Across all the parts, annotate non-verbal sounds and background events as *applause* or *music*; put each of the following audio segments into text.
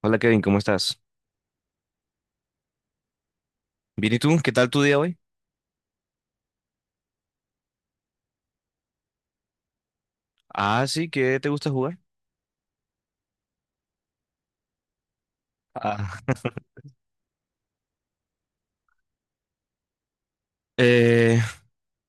Hola Kevin, ¿cómo estás? Bien, ¿y tú? ¿Qué tal tu día hoy? Ah, sí, ¿qué te gusta jugar? Ah, *laughs* eh,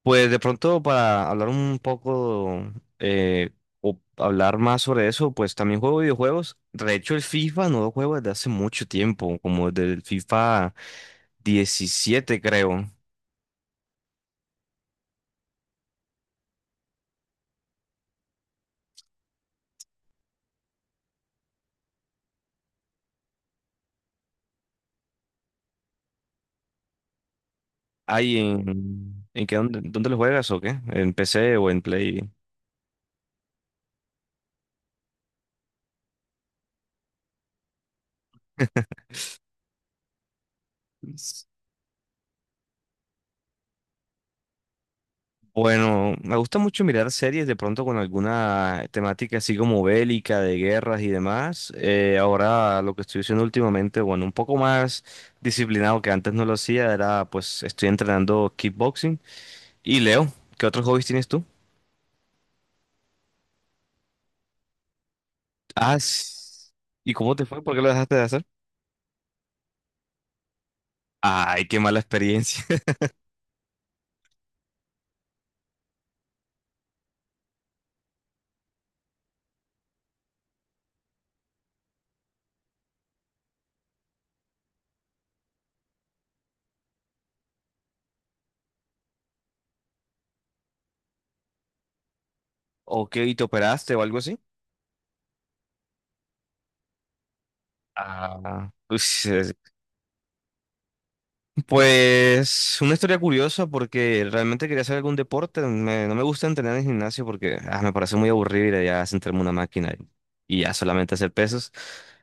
pues de pronto para hablar un poco eh, o hablar más sobre eso, pues también juego videojuegos. De hecho, el FIFA no lo juego desde hace mucho tiempo, como desde el FIFA 17 creo. Ay, ¿en qué, dónde lo juegas o qué? ¿En PC o en Play? Bueno, me gusta mucho mirar series de pronto con alguna temática así como bélica, de guerras y demás. Ahora lo que estoy haciendo últimamente, bueno, un poco más disciplinado que antes no lo hacía, era pues estoy entrenando kickboxing. Y Leo, ¿qué otros hobbies tienes tú? Ah, s- ¿Y cómo te fue? ¿Por qué lo dejaste de hacer? Ay, qué mala experiencia. *laughs* ¿O qué? ¿Y te operaste o algo así? Ah, uy, pues una historia curiosa porque realmente quería hacer algún deporte. No me gusta entrenar en gimnasio porque me parece muy aburrido ir allá a sentarme en una máquina y ya solamente hacer pesos.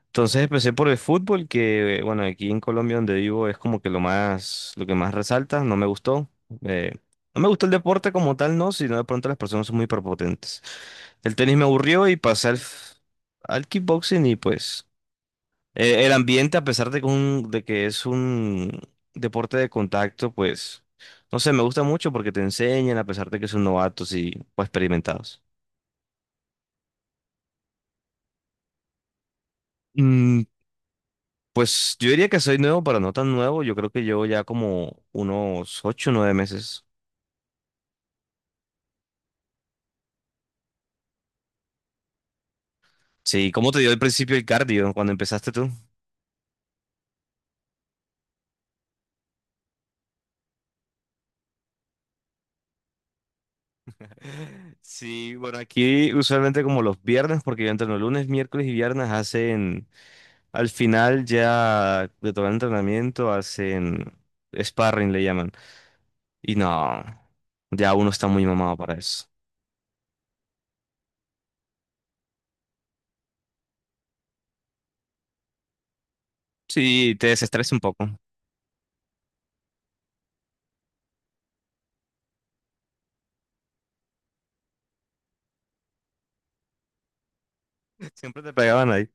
Entonces empecé por el fútbol que, bueno, aquí en Colombia donde vivo es como que lo más, lo que más resalta. No me gustó. eh, no me gustó el deporte como tal, no, sino de pronto las personas son muy prepotentes. El tenis me aburrió y pasé al kickboxing y pues... El ambiente, a pesar de que, de que es un deporte de contacto, pues, no sé, me gusta mucho porque te enseñan, a pesar de que son novatos y pues experimentados. Mm, pues yo diría que soy nuevo, pero no tan nuevo. Yo creo que llevo ya como unos 8 o 9 meses. Sí, ¿cómo te dio al principio el cardio cuando empezaste tú? *laughs* Sí, bueno, aquí usualmente como los viernes, porque yo entreno lunes, miércoles y viernes, hacen Al final ya de todo el entrenamiento hacen sparring, le llaman. Y no, ya uno está muy mamado para eso. Sí, te desestresa un poco. *laughs* Siempre te pegaban ahí.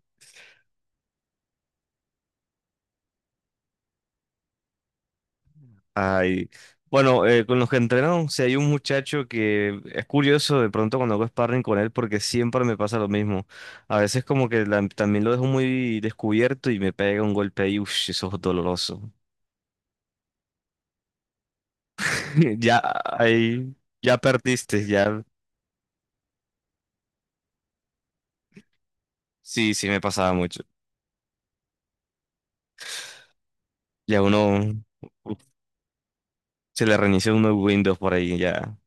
Ay. Bueno, con los que entreno, si hay un muchacho que es curioso de pronto cuando hago sparring con él porque siempre me pasa lo mismo. A veces como que también lo dejo muy descubierto y me pega un golpe ahí, uff, eso es doloroso. *laughs* Ya ahí, ya perdiste, ya. Sí, sí, me pasaba mucho. Ya uno se le reinicia uno Windows por ahí, ya.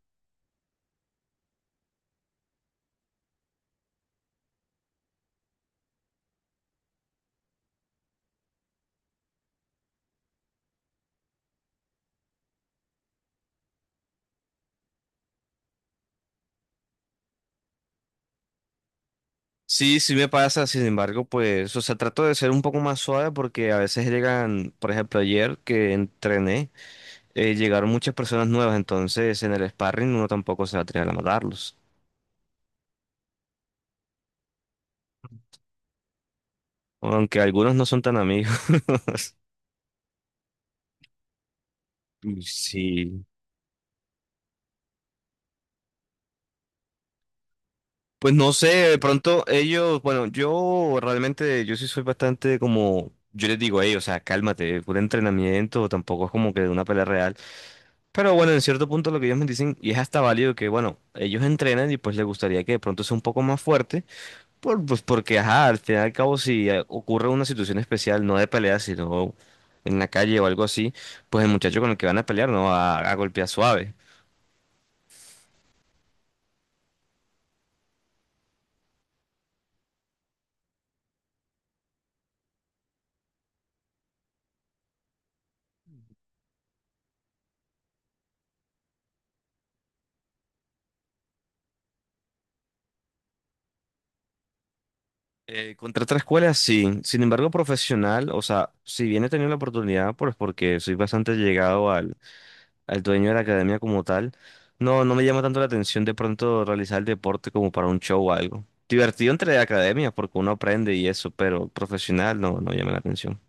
Sí, sí me pasa, sin embargo, pues, o sea, trato de ser un poco más suave porque a veces llegan, por ejemplo, ayer que entrené, llegaron muchas personas nuevas, entonces en el sparring uno tampoco se va a atrever a matarlos, aunque algunos no son tan amigos. *laughs* Sí, pues no sé, de pronto ellos, bueno, yo realmente, yo sí soy bastante como, yo les digo a ellos, o sea, cálmate, puro entrenamiento, tampoco es como que de una pelea real. Pero bueno, en cierto punto lo que ellos me dicen, y es hasta válido que, bueno, ellos entrenan y pues les gustaría que de pronto sea un poco más fuerte, pues porque, ajá, al final y al cabo, si ocurre una situación especial, no de pelea, sino en la calle o algo así, pues el muchacho con el que van a pelear no va a golpear suave. Contra otra escuela, sí. Sin embargo, profesional, o sea, si bien he tenido la oportunidad, pues porque soy bastante llegado al dueño de la academia como tal, no, no me llama tanto la atención de pronto realizar el deporte como para un show o algo. Divertido entre academias, porque uno aprende y eso, pero profesional no, no llama la atención.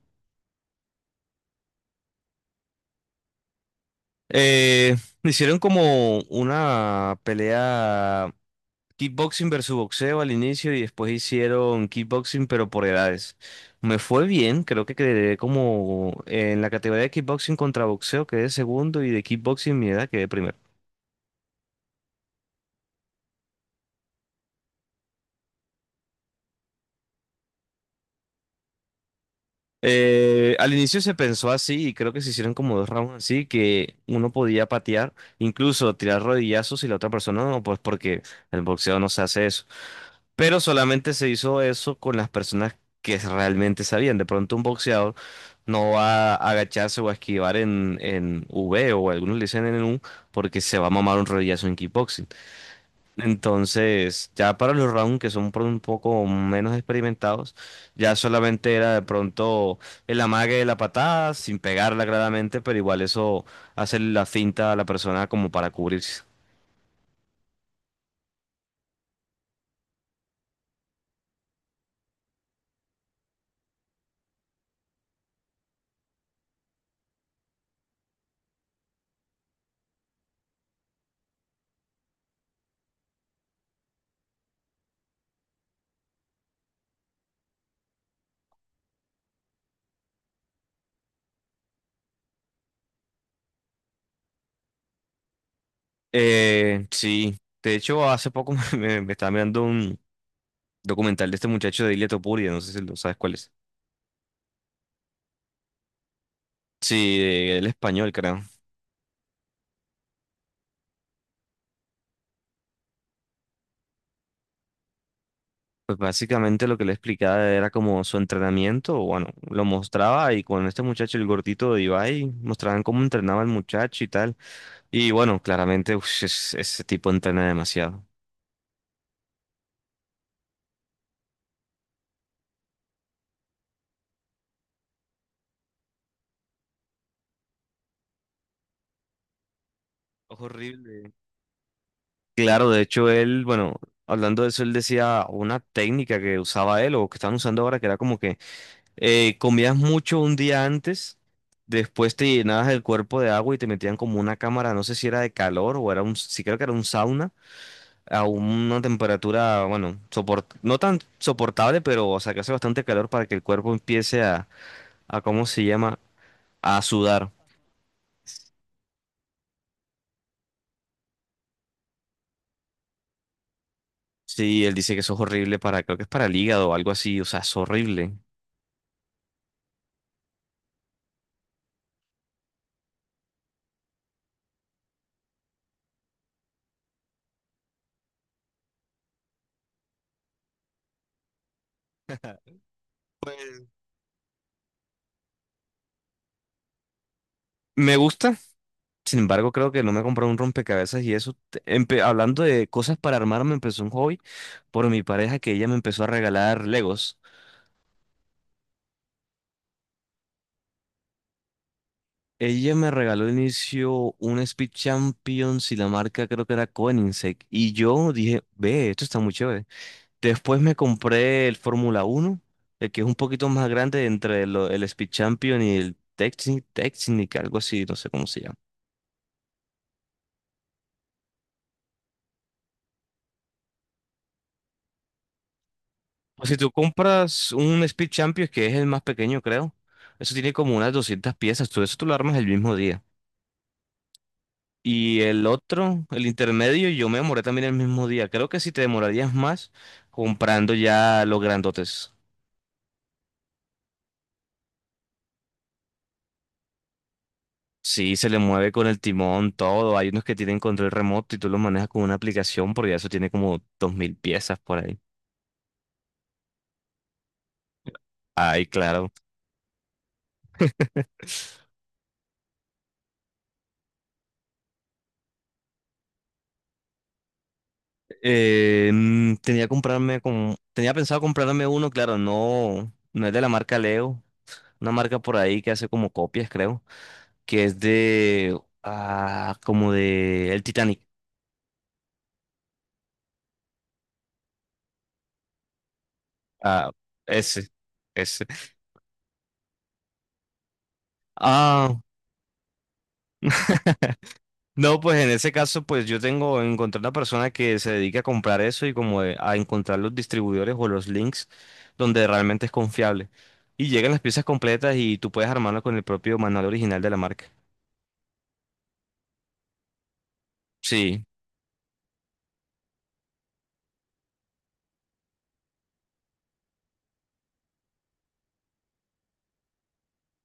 Eh, Hicieron como una pelea kickboxing versus boxeo al inicio y después hicieron kickboxing pero por edades. Me fue bien, creo que quedé como en la categoría de kickboxing contra boxeo quedé segundo y de kickboxing mi edad quedé primero. Al inicio se pensó así y creo que se hicieron como dos rounds así que uno podía patear, incluso tirar rodillazos y la otra persona no, pues porque el boxeo no se hace eso. Pero solamente se hizo eso con las personas que realmente sabían. De pronto un boxeador no va a agacharse o a esquivar en V o algunos le dicen en el U porque se va a mamar un rodillazo en kickboxing. Entonces, ya para los rounds que son por un poco menos experimentados, ya solamente era de pronto el amague de la patada sin pegarla claramente, pero igual eso hace la finta a la persona como para cubrirse. Sí. De hecho, hace poco *laughs* me estaba mirando documental de este muchacho de Ilia Topuria, no sé si lo sabes cuál es. Sí, el español, creo. Pues básicamente lo que le explicaba era como su entrenamiento, bueno, lo mostraba y con este muchacho, el gordito de Ibai, mostraban cómo entrenaba el muchacho y tal. Y bueno, claramente ese tipo entrena demasiado. Horrible. Claro, de hecho él, bueno, hablando de eso, él decía una técnica que usaba él o que están usando ahora que era como que comías mucho un día antes, después te llenabas el cuerpo de agua y te metían como una cámara, no sé si era de calor o sí creo que era un sauna, a una temperatura, bueno, no tan soportable, pero o sea que hace bastante calor para que el cuerpo empiece a ¿cómo se llama? A sudar. Sí, él dice que eso es horrible para, creo que es para el hígado o algo así, o sea, es horrible. Me gusta. Sin embargo, creo que no me compré un rompecabezas y eso, hablando de cosas para armar, me empezó un hobby por mi pareja que ella me empezó a regalar Legos. Ella me regaló al inicio un Speed Champions y la marca creo que era Koenigsegg. Y yo dije, ve, esto está muy chévere. Después me compré el Fórmula 1, el que es un poquito más grande entre el Speed Champion y el Technic, algo así, no sé cómo se llama. O si tú compras un Speed Champions, que es el más pequeño, creo, eso tiene como unas 200 piezas, tú lo armas el mismo día. Y el otro, el intermedio, yo me demoré también el mismo día. Creo que si te demorarías más comprando ya los grandotes. Sí, se le mueve con el timón, todo. Hay unos que tienen control remoto y tú los manejas con una aplicación porque eso tiene como 2.000 piezas por ahí. Ay, claro. *laughs* Tenía que comprarme como, tenía pensado comprarme uno, claro, no, no es de la marca Leo, una marca por ahí que hace como copias, creo, que es de, como de el Titanic. Ah, ese, ese. Ah, *laughs* no, pues en ese caso, pues encontré una persona que se dedica a comprar eso y como a encontrar los distribuidores o los links donde realmente es confiable. Y llegan las piezas completas y tú puedes armarlo con el propio manual original de la marca. Sí,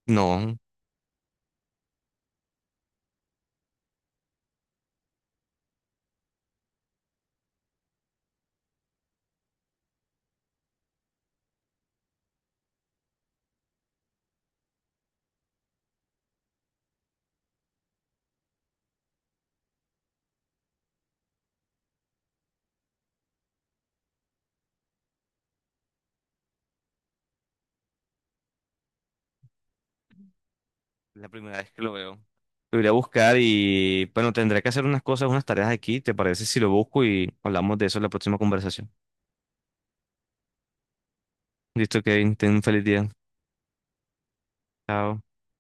no. La primera vez que lo veo. Lo iré a buscar y bueno, tendré que hacer unas cosas, unas tareas aquí. ¿Te parece si lo busco y hablamos de eso en la próxima conversación? Listo, Kevin, ten un feliz día. Chao.